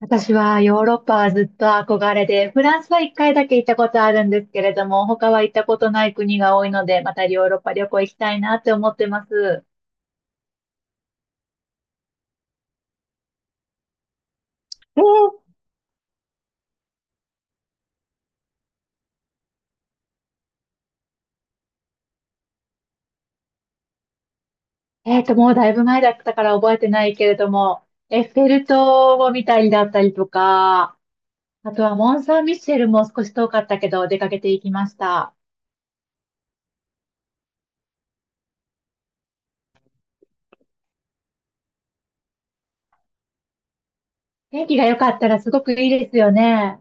私はヨーロッパはずっと憧れで、フランスは一回だけ行ったことあるんですけれども、他は行ったことない国が多いので、またヨーロッパ旅行行きたいなって思ってます。もうだいぶ前だったから覚えてないけれども、エッフェル塔を見たりだったりとか、あとはモン・サン・ミッシェルも少し遠かったけど出かけていきました。天気が良かったらすごくいいですよね。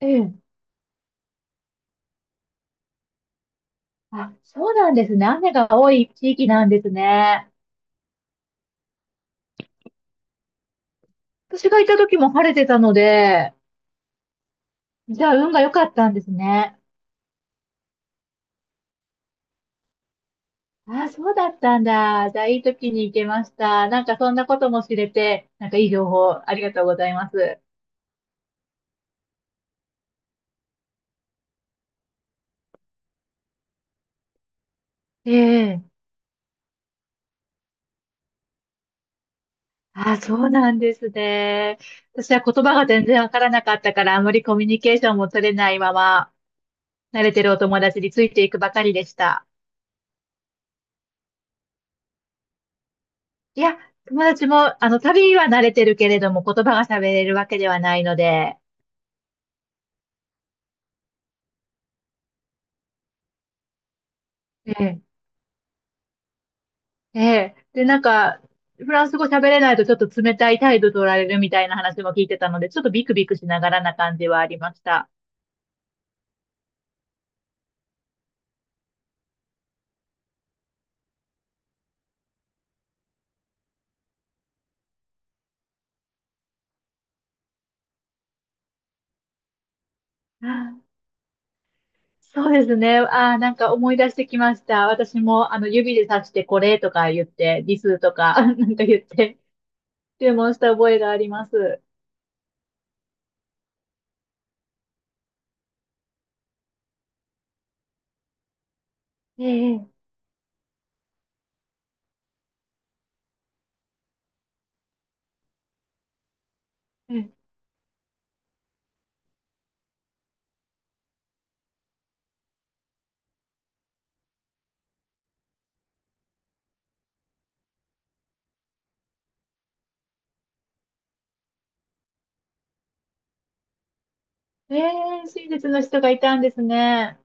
うん。あ、そうなんですね。雨が多い地域なんですね。私が行った時も晴れてたので、じゃあ、運が良かったんですね。ああ、そうだったんだ。じゃあ、いい時に行けました。なんか、そんなことも知れて、なんか、いい情報、ありがとうございます。ええ。ああ、そうなんですね。私は言葉が全然わからなかったから、あまりコミュニケーションも取れないまま、慣れてるお友達についていくばかりでした。いや、友達も、あの、旅は慣れてるけれども、言葉が喋れるわけではないので、ええええ。で、なんか、フランス語喋れないとちょっと冷たい態度取られるみたいな話も聞いてたので、ちょっとビクビクしながらな感じはありました。そうですね。ああ、なんか思い出してきました。私も、あの、指で指してこれとか言って、リスとか、なんか言って、注文した覚えがあります。ええ、ええ、ええ、親切の人がいたんですね。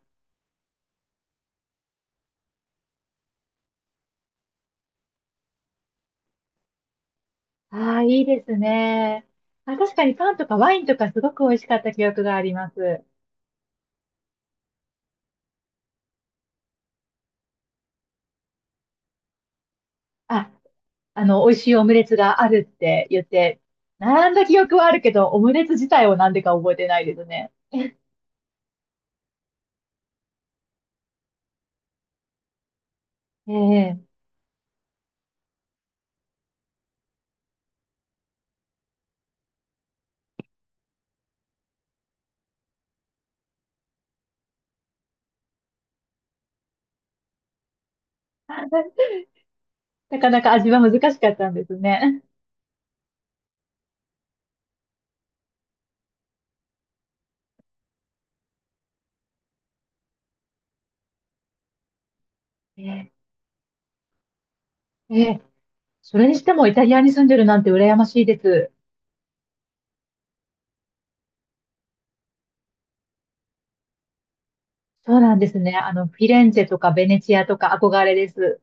ああ、いいですね。あ、確かにパンとかワインとかすごく美味しかった記憶があります。ああの、美味しいオムレツがあるって言って、並んだ記憶はあるけど、オムレツ自体をなんでか覚えてないですね。ええ。 なかなか味は難しかったんですね。ええええ、それにしてもイタリアに住んでるなんて羨ましいです。そうなんですね。あの、フィレンツェとかベネチアとか憧れです。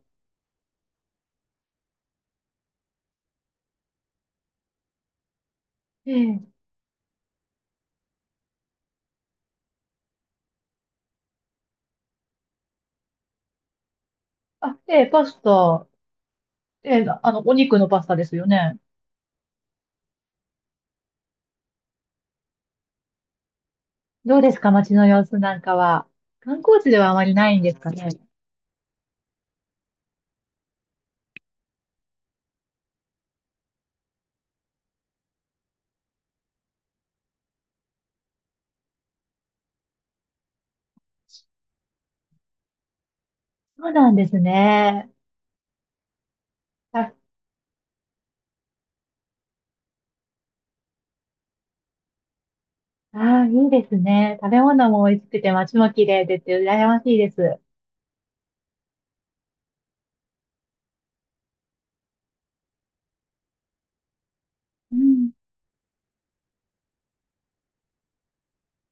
ええあ、ええパスタ。ええあの、お肉のパスタですよね。どうですか、街の様子なんかは。観光地ではあまりないんですかね。そうなんですね。ああ、いいですね。食べ物も美味しくて街も綺麗でって羨ましいです。うん。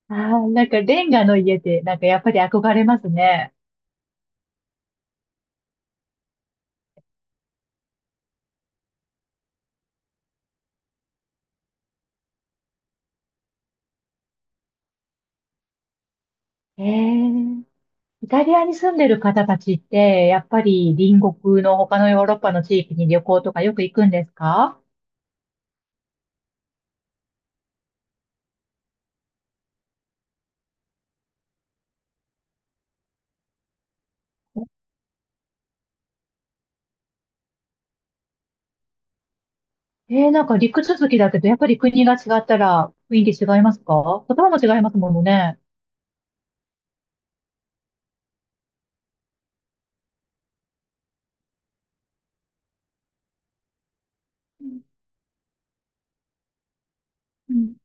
ああ、なんかレンガの家ってなんかやっぱり憧れますね。ええ、イタリアに住んでる方たちってやっぱり隣国の他のヨーロッパの地域に旅行とかよく行くんですか？ええ、なんか陸続きだけどやっぱり国が違ったら雰囲気違いますか？言葉も違いますものね。うん。うん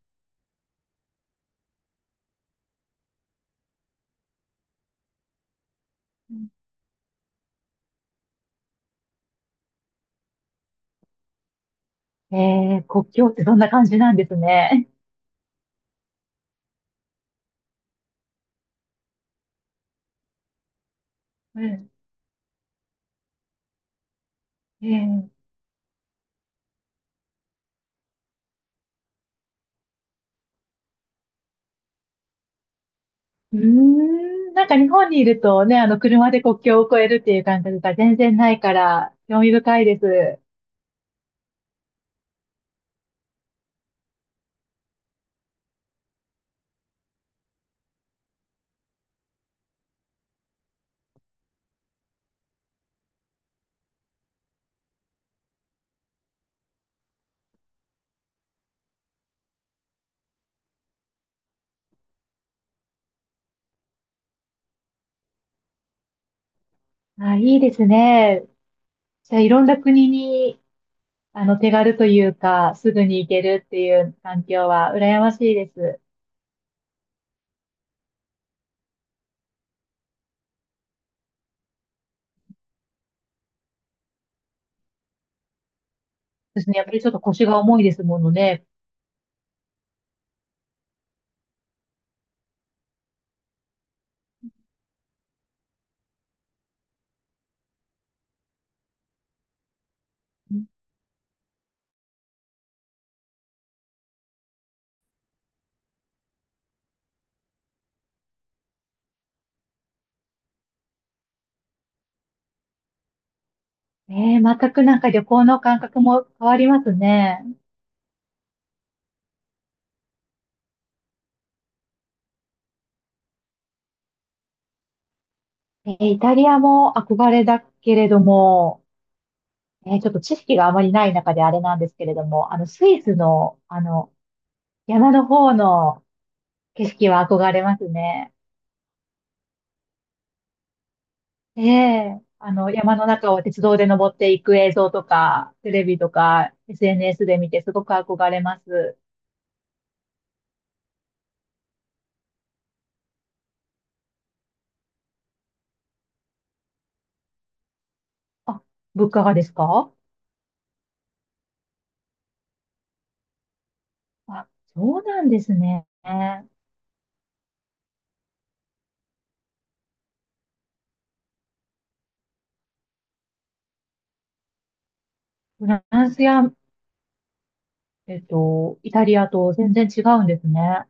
ええ、国境ってそんな感じなんですね。うん。ええうーん、なんか日本にいるとね、あの、車で国境を越えるっていう感覚が全然ないから、興味深いです。あ、いいですね。じゃあ、いろんな国に、あの、手軽というか、すぐに行けるっていう環境は羨ましいです。ですね。やっぱりちょっと腰が重いですものね。ええ全くなんか旅行の感覚も変わりますね。イタリアも憧れだけれども、ちょっと知識があまりない中であれなんですけれども、あの、スイスの、あの、山の方の景色は憧れますね。ええあの、山の中を鉄道で登っていく映像とか、テレビとか、SNS で見てすごく憧れます。あ、物価がですか？あ、そうなんですね。フランスや、イタリアと全然違うんですね。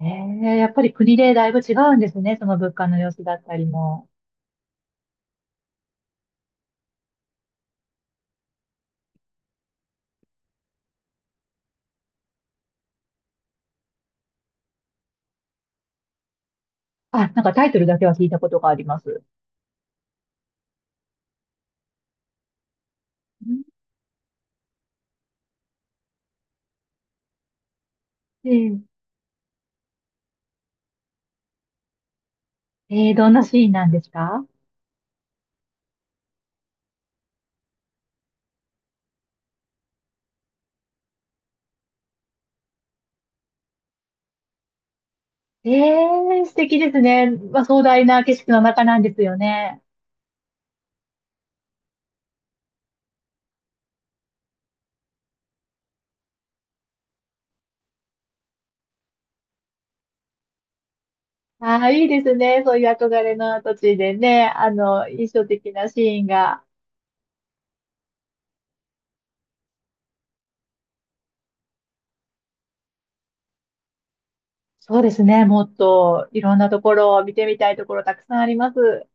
ええ、やっぱり国でだいぶ違うんですね、その物価の様子だったりも。あ、なんかタイトルだけは聞いたことがあります。うん。えーどんなシーンなんですか？えー素敵ですね。まあ、壮大な景色の中なんですよね。ああ、いいですね。そういう憧れの土地でね、あの、印象的なシーンが。そうですね。もっといろんなところを見てみたいところたくさんあります。